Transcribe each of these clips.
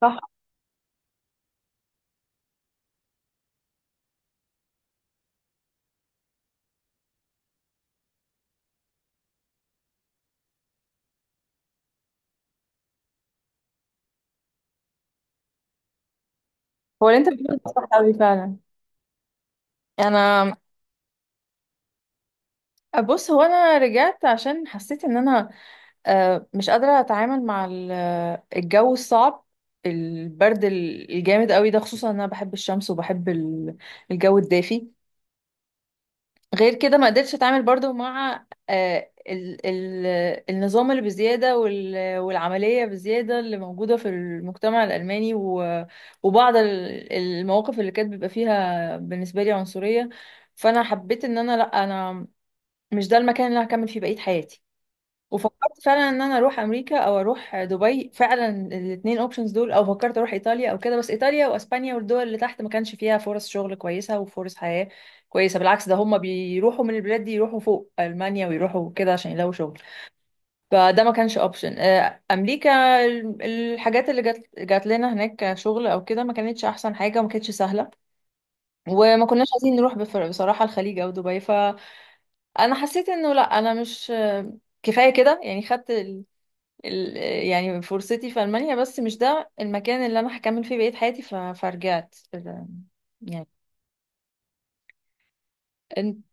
صح. هو اللي انت بتقوله ده صح قوي فعلا. يعني انا، بص، هو انا رجعت عشان حسيت ان انا مش قادره اتعامل مع الجو الصعب، البرد الجامد قوي ده، خصوصا ان انا بحب الشمس وبحب الجو الدافي. غير كده ما قدرتش اتعامل برضو مع آه، ال ال النظام اللي بزيادة والعملية بزيادة اللي موجودة في المجتمع الألماني وبعض المواقف اللي كانت بيبقى فيها بالنسبة لي عنصرية. فأنا حبيت إن أنا، لأ، أنا مش ده المكان اللي أنا هكمل فيه بقية حياتي. وفكرت فعلا ان انا اروح امريكا او اروح دبي، فعلا الاثنين اوبشنز دول، او فكرت اروح ايطاليا او كده. بس ايطاليا واسبانيا والدول اللي تحت ما كانش فيها فرص شغل كويسه وفرص حياه كويسه، بالعكس ده هم بيروحوا من البلاد دي يروحوا فوق المانيا ويروحوا كده عشان يلاقوا شغل. فده ما كانش اوبشن. امريكا، الحاجات اللي جات لنا هناك كشغل او كده ما كانتش احسن حاجه وما كانتش سهله، وما كناش عايزين نروح بصراحه الخليج او دبي. فانا حسيت انه لا، انا مش كفايه كده يعني. خدت ال- يعني فرصتي في ألمانيا، بس مش ده المكان اللي أنا هكمل فيه بقية حياتي. فرجعت يعني. أنت-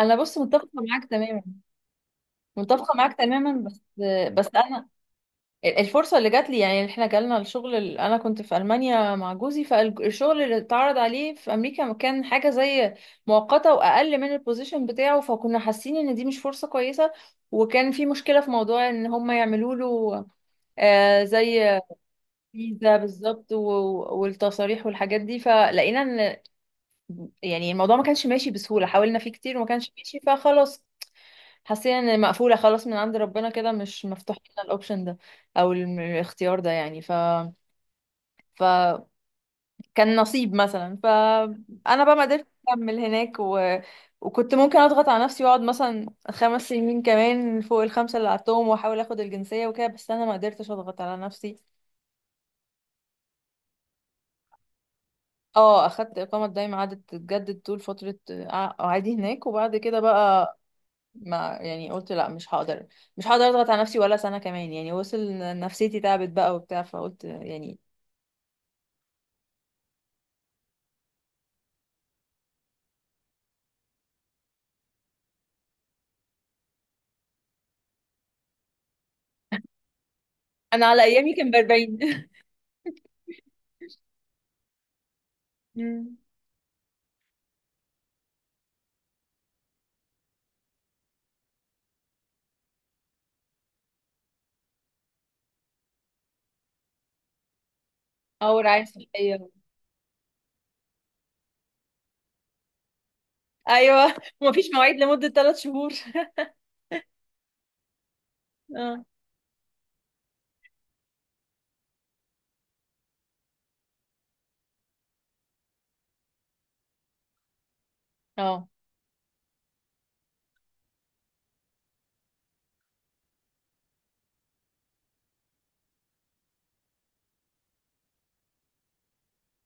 أنا، بص، متفقة معاك تماما. متفقة معاك تماما بس، بس أنا الفرصة اللي جات لي، يعني إحنا جالنا الشغل، أنا كنت في ألمانيا مع جوزي، فالشغل اللي اتعرض عليه في أمريكا كان حاجة زي مؤقتة وأقل من البوزيشن بتاعه، فكنا حاسين إن دي مش فرصة كويسة. وكان في مشكلة في موضوع إن هم يعملوا له زي فيزا بالظبط والتصاريح والحاجات دي. فلقينا ان يعني الموضوع ما كانش ماشي بسهولة، حاولنا فيه كتير وما كانش ماشي، فخلاص حسينا ان مقفولة خلاص من عند ربنا كده، مش مفتوح لنا الاوبشن ده او الاختيار ده يعني. فكان نصيب مثلا. فانا بقى ما قدرت اكمل هناك وكنت ممكن اضغط على نفسي واقعد مثلا 5 سنين كمان فوق الخمسة اللي قعدتهم واحاول اخد الجنسية وكده، بس انا ما قدرتش اضغط على نفسي. اه، اخدت اقامه دايما، قعدت تتجدد طول فتره قعدي هناك، وبعد كده بقى ما يعني، قلت لا، مش هقدر اضغط على نفسي ولا سنه كمان يعني. وصل إن نفسيتي تعبت بقى وبتاع، فقلت يعني. انا على ايامي كان ب 40 مم. او رعايه صحيه. ايوه ومفيش مواعيد لمده 3 شهور اه. اه،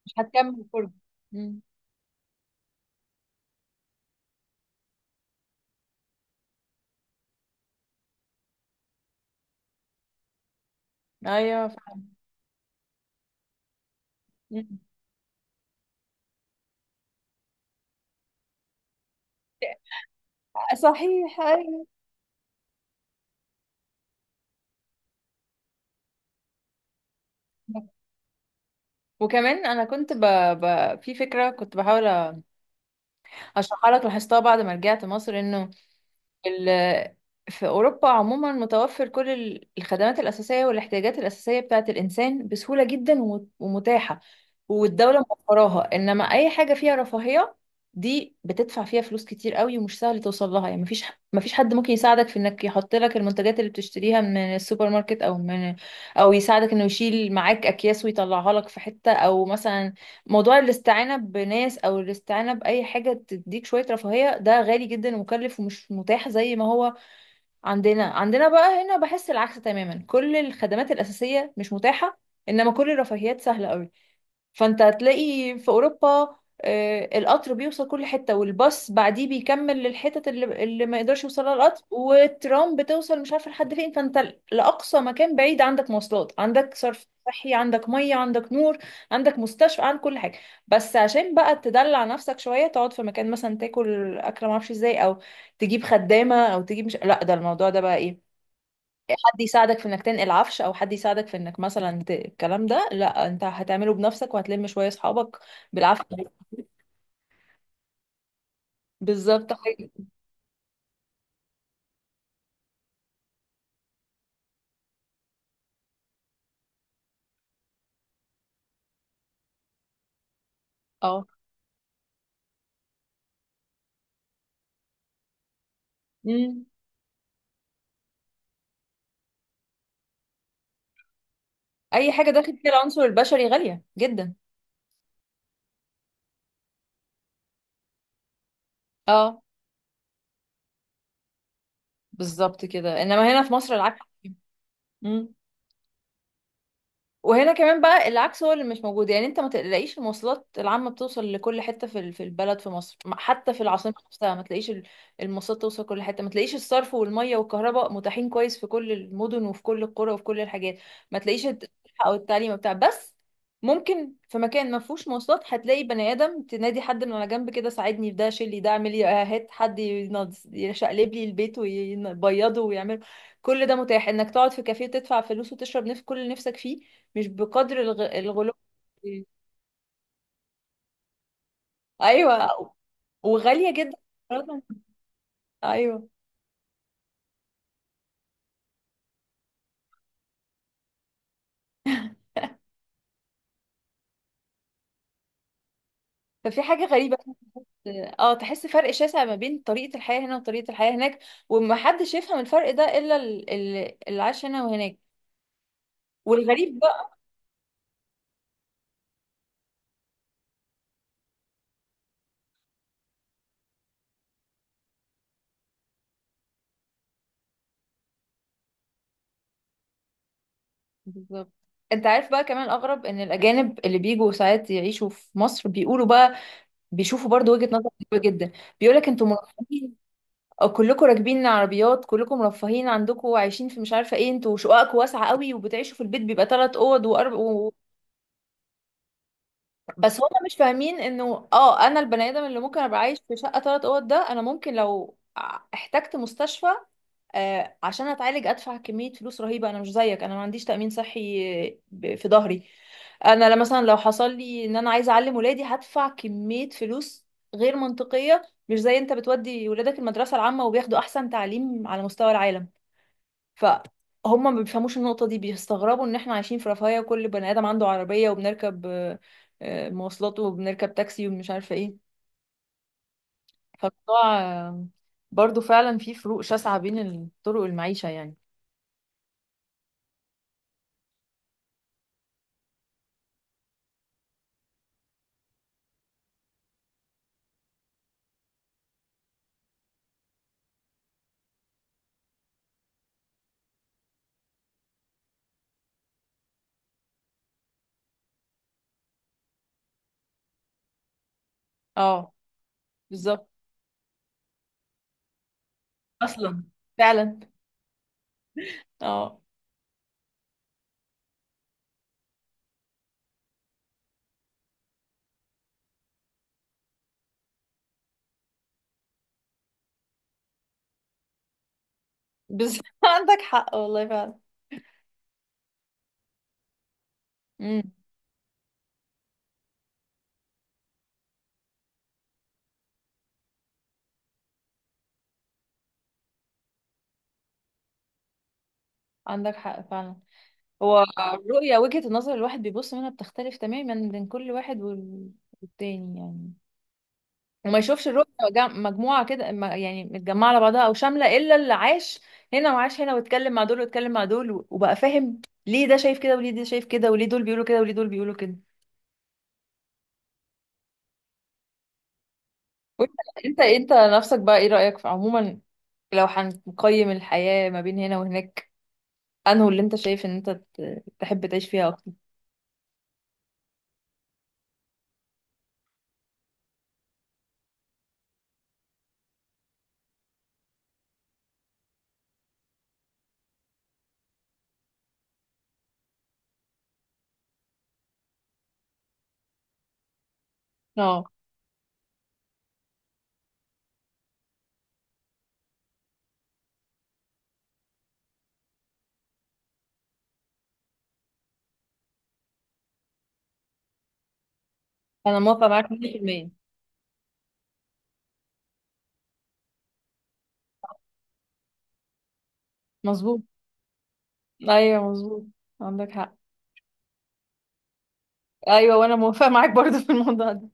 مش هتكمل فرجه. مم. ايوه مم. صحيح، أيوة. وكمان انا كنت في فكره، كنت بحاول هشرحها لك، لاحظتها بعد ما رجعت مصر، انه ال- في اوروبا عموما متوفر كل الخدمات الاساسيه والاحتياجات الاساسيه بتاعه الانسان بسهوله جدا ومتاحه والدوله موفراها، انما اي حاجه فيها رفاهيه دي بتدفع فيها فلوس كتير قوي ومش سهل توصل لها. يعني مفيش مفيش حد ممكن يساعدك في انك يحط لك المنتجات اللي بتشتريها من السوبر ماركت او من، او يساعدك انه يشيل معاك اكياس ويطلعها لك في حته، او مثلا موضوع الاستعانة بناس أو الاستعانة بأي حاجة تديك شوية رفاهية، ده غالي جدا ومكلف ومش متاح زي ما هو عندنا بقى. هنا بحس العكس تماما، كل الخدمات الأساسية مش متاحة، إنما كل الرفاهيات سهلة أوي. فانت هتلاقي في اوروبا القطر بيوصل كل حته، والباص بعديه بيكمل للحتت اللي ما يقدرش يوصلها القطر، والترام بتوصل مش عارفه لحد فين. فانت لاقصى مكان بعيد عندك مواصلات، عندك صرف صحي، عندك ميه، عندك نور، عندك مستشفى، عندك كل حاجه. بس عشان بقى تدلع نفسك شويه، تقعد في مكان مثلا تاكل اكله ما اعرفش ازاي، او تجيب خدامه، او تجيب مش، لا ده الموضوع ده بقى ايه، حد يساعدك في انك تنقل عفش، او حد يساعدك في انك مثلا الكلام ده لا، انت هتعمله بنفسك وهتلم شويه اصحابك بالعافيه. بالظبط حاجه، اه، امم. اي حاجه داخل فيها العنصر البشري غاليه جدا. اه، بالظبط كده، انما هنا في مصر العكس. امم. وهنا كمان بقى العكس هو اللي مش موجود، يعني انت ما تلاقيش المواصلات العامة بتوصل لكل حتة في في البلد في مصر، حتى في العاصمة نفسها ما تلاقيش المواصلات توصل كل حتة، ما تلاقيش الصرف والمية والكهرباء متاحين كويس في كل المدن وفي كل القرى وفي كل الحاجات، ما تلاقيش او التعليم بتاع. بس ممكن في مكان ما فيهوش مواصلات هتلاقي بني ادم تنادي حد من على جنب كده: ساعدني في ده، شيل لي ده، اعمل لي، هات حد يشقلب لي البيت ويبيضه ويعمل. كل ده متاح، انك تقعد في كافيه تدفع فلوس وتشرب نف كل اللي نفسك فيه، مش بقدر الغلو. ايوه، وغالية جدا. مقارنة- ايوه، ففي حاجة غريبة. اه، تحس فرق شاسع ما بين طريقة الحياة هنا وطريقة الحياة هناك، ومحدش يفهم الفرق ده إلا اللي عاش هنا وهناك. والغريب بقى، بالظبط. انت عارف بقى كمان الأغرب، ان الأجانب اللي بيجوا ساعات يعيشوا في مصر بيقولوا بقى، بيشوفوا برضو وجهة نظر غريبة جدا. بيقولك انتوا مرحبين، أو كلكم راكبين عربيات، كلكم رفاهين عندكم وعايشين في مش عارفه ايه، انتوا شققكم واسعه قوي وبتعيشوا في البيت بيبقى 3 اوض بس هما مش فاهمين انه، اه، انا البني ادم اللي ممكن ابقى عايش في شقه 3 اوض ده، انا ممكن لو احتجت مستشفى آه عشان اتعالج ادفع كميه فلوس رهيبه. انا مش زيك، انا ما عنديش تامين صحي في ظهري. انا مثلا لو حصل لي ان انا عايزه اعلم ولادي هدفع كميه فلوس غير منطقيه، مش زي انت بتودي ولادك المدرسة العامة وبياخدوا احسن تعليم على مستوى العالم. فهم ما بيفهموش النقطة دي، بيستغربوا ان احنا عايشين في رفاهية وكل بني ادم عنده عربية، وبنركب مواصلات وبنركب تاكسي ومش عارفة ايه. فالموضوع برضو فعلا في فروق شاسعة بين طرق المعيشة يعني. اه، بالظبط. اصلا فعلا. اه، بالظبط عندك حق والله فعلا. امم. عندك حق فعلا. هو الرؤية، وجهة النظر الواحد بيبص منها بتختلف تماما بين كل واحد والتاني يعني، وما يشوفش الرؤية مجموعة كده، يعني متجمعة على بعضها أو شاملة، إلا اللي عاش هنا وعاش هنا، واتكلم مع دول واتكلم مع دول، وبقى فاهم ليه ده شايف كده وليه ده شايف كده وليه دول بيقولوا كده وليه دول بيقولوا كده. وانت، انت نفسك بقى ايه رأيك في عموما، لو هنقيم الحياة ما بين هنا وهناك، انه اللي انت شايف ان انت تحب تعيش فيها اكتر. اه، انا موافقة معاك 100%. مظبوط، ايوه مظبوط. عندك حق. ايوه، وانا موافقة معاك برضو في الموضوع ده.